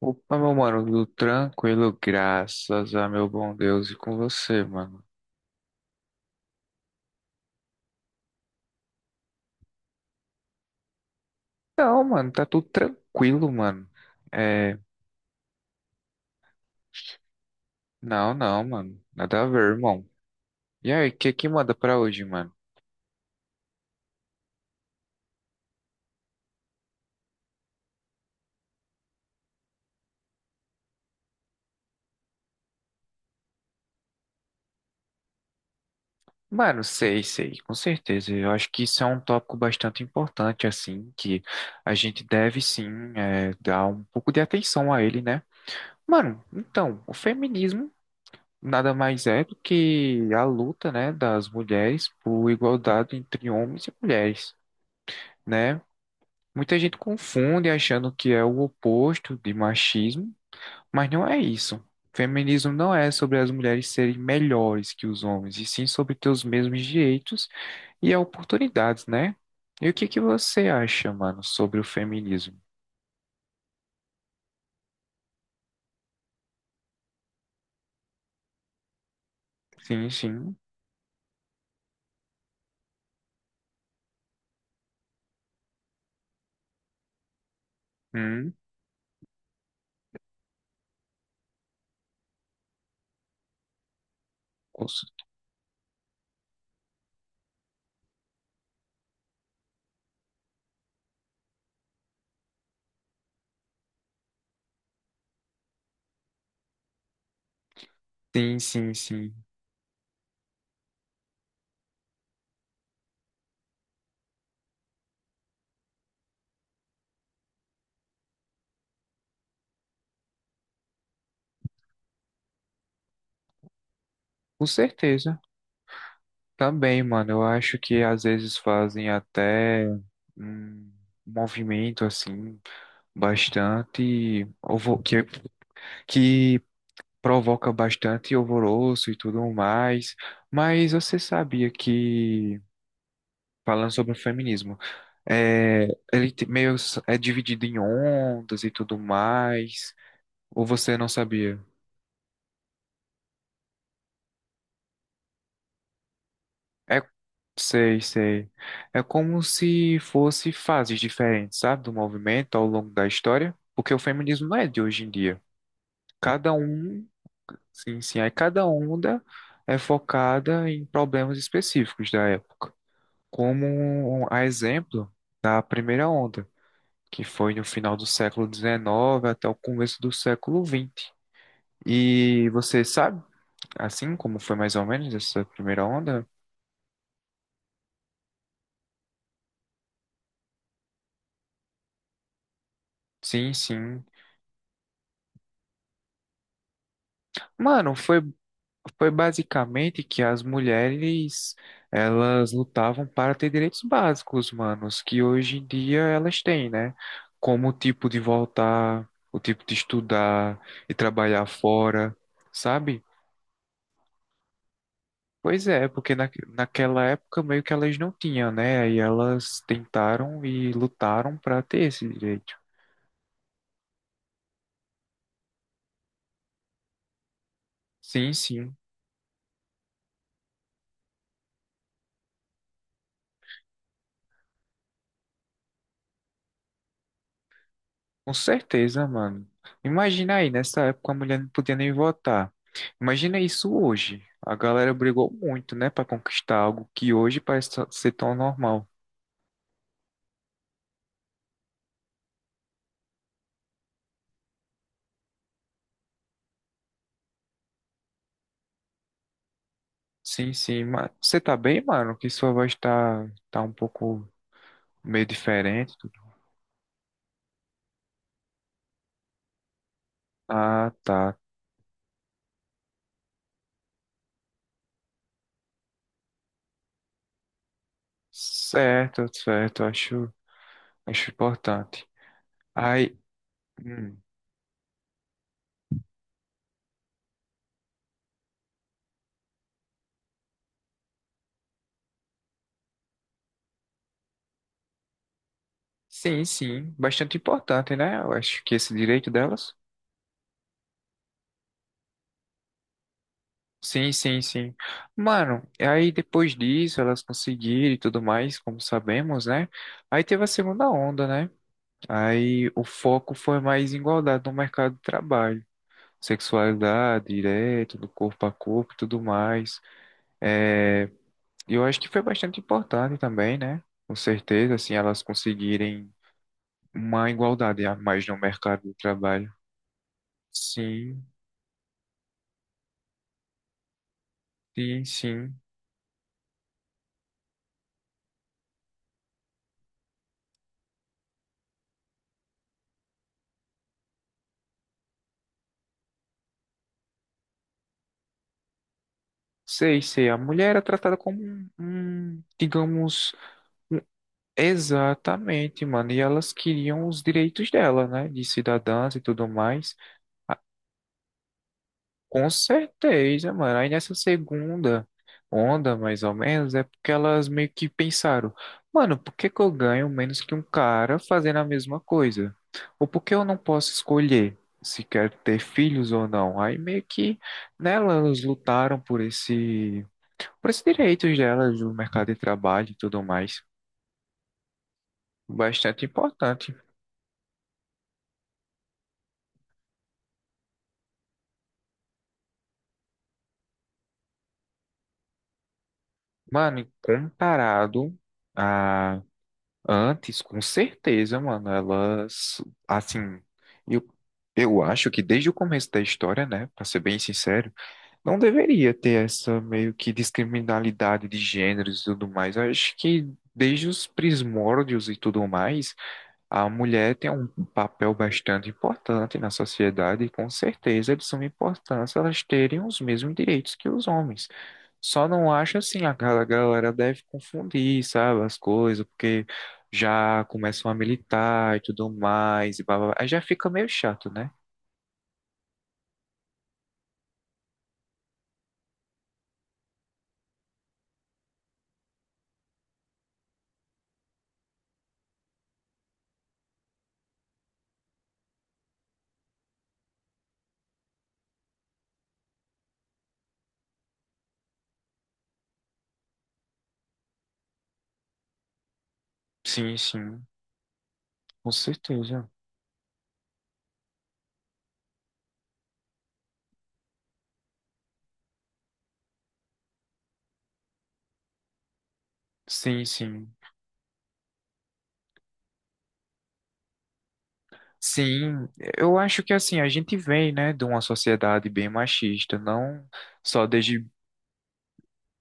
Opa, meu mano, tudo tranquilo, graças a meu bom Deus e com você, mano. Não, mano, tá tudo tranquilo, mano. É, não, não, mano, nada a ver, irmão. E aí, o que que manda pra hoje, mano? Mano, sei, sei, com certeza. Eu acho que isso é um tópico bastante importante, assim, que a gente deve sim, dar um pouco de atenção a ele, né? Mano, então, o feminismo nada mais é do que a luta, né, das mulheres por igualdade entre homens e mulheres, né? Muita gente confunde achando que é o oposto de machismo, mas não é isso. Feminismo não é sobre as mulheres serem melhores que os homens, e sim sobre ter os mesmos direitos e oportunidades, né? E o que que você acha, mano, sobre o feminismo? Sim, sim. Hum, com cer- sim, sim, sim. Com certeza. Também, mano, eu acho que às vezes fazem até um movimento assim bastante que provoca bastante alvoroço e tudo mais. Mas você sabia que, falando sobre o feminismo, é, ele te- meio s- é dividido em ondas e tudo mais? Ou você não sabia? É, sei, sei. É como se fosse fases diferentes, sabe, do movimento ao longo da história, porque o feminismo não é de hoje em dia. Cada um, sim, sim, é cada onda é focada em problemas específicos da época, como um, a exemplo da primeira onda, que foi no final do século XIX até o começo do século XX. E você sabe, assim como foi mais ou menos essa primeira onda? Sim, sim. Mano, foi, foi basicamente que as mulheres, elas lutavam para ter direitos básicos, manos, que hoje em dia elas têm, né? Como o tipo de voltar, o tipo de estudar e trabalhar fora, sabe? Pois é, porque naquela época meio que elas não tinham, né? Aí elas tentaram e lutaram para ter esse direito. Sim, sim, com certeza, mano. Imagina aí, nessa época a mulher não podia nem votar. Imagina isso hoje. A galera brigou muito, né, para conquistar algo que hoje parece ser tão normal. Sim, sim, mas você tá bem, mano? Que sua voz tá um pouco meio diferente, tudo. Ah, tá. Certo, certo, acho importante. Aí, hum. Sim, sim. Bastante importante, né? Eu acho que esse direito delas. Sim, sim, sim. Mano, e aí depois disso elas conseguiram e tudo mais, como sabemos, né? Aí teve a segunda onda, né? Aí o foco foi mais igualdade no mercado de trabalho. Sexualidade, direito, do corpo a corpo e tudo mais. É, eu acho que foi bastante importante também, né? Com certeza, assim, elas conseguirem uma igualdade a mais no mercado de trabalho. Sim, sim, sim. Sei, sei. A mulher era tratada como um, digamos, um- exatamente, mano. E elas queriam os direitos dela, né? De cidadãs e tudo mais. Ah, com certeza, mano. Aí nessa segunda onda, mais ou menos, é porque elas meio que pensaram, mano, por que que eu ganho menos que um cara fazendo a mesma coisa? Ou por que eu não posso escolher se quero ter filhos ou não? Aí meio que, né, elas lutaram por esse, para os direitos delas no mercado de trabalho e tudo mais. Bastante importante. Mano, e comparado a antes, com certeza, mano, elas, assim, eu, eu acho que desde o começo da história, né, para ser bem sincero, não deveria ter essa meio que discriminalidade de gêneros e tudo mais. Eu acho que desde os primórdios e tudo mais, a mulher tem um papel bastante importante na sociedade e com certeza é de suma importância elas terem os mesmos direitos que os homens. Só não acho assim, a galera deve confundir, sabe, as coisas, porque já começam a militar e tudo mais, e blá, blá, blá. Aí já fica meio chato, né? Sim, sim, com certeza. Sim, sim. Sim, eu acho que assim, a gente vem, né, de uma sociedade bem machista, não só desde.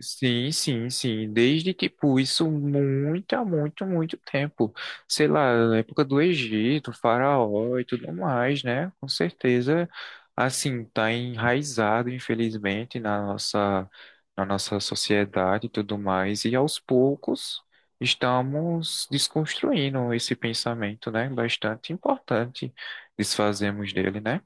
Sim, sim, sim. Desde, tipo, isso muito, há muito, muito tempo. Sei lá, na época do Egito, faraó e tudo mais, né? Com certeza, assim, tá enraizado, infelizmente, na nossa sociedade e tudo mais. E aos poucos estamos desconstruindo esse pensamento, né? Bastante importante desfazemos dele, né?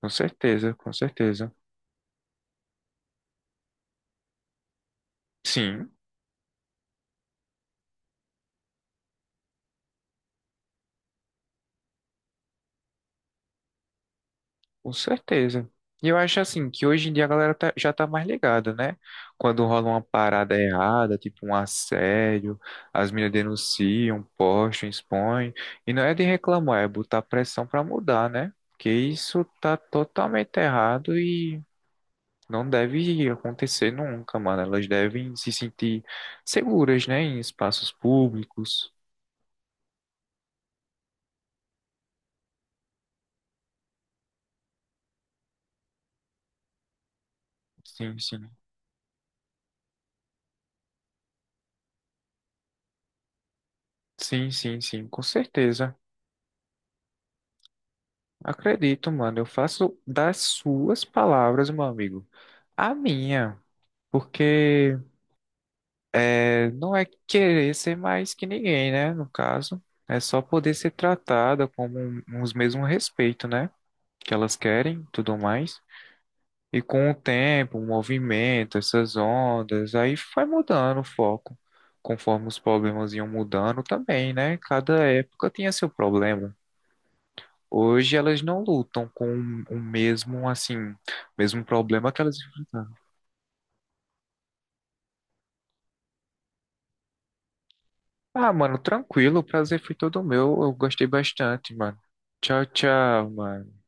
Com certeza, com certeza. Sim. Com certeza. E eu acho assim que hoje em dia já tá mais ligada, né? Quando rola uma parada errada, tipo um assédio, as meninas denunciam, postam, expõem. E não é de reclamar, é botar pressão pra mudar, né? Porque isso tá totalmente errado e não deve acontecer nunca, mano. Elas devem se sentir seguras, né? Em espaços públicos. Sim, sim. Sim, sim, sim, com certeza. Acredito, mano. Eu faço das suas palavras, meu amigo, a minha. Porque é, não é querer ser mais que ninguém, né? No caso, é só poder ser tratada como os mesmos respeito, né? Que elas querem, tudo mais. E com o tempo, o movimento, essas ondas, aí vai mudando o foco. Conforme os problemas iam mudando também, né? Cada época tinha seu problema. Hoje elas não lutam com o mesmo, assim, mesmo problema que elas enfrentaram. Ah, mano, tranquilo, o prazer foi todo meu. Eu gostei bastante, mano. Tchau, tchau, mano.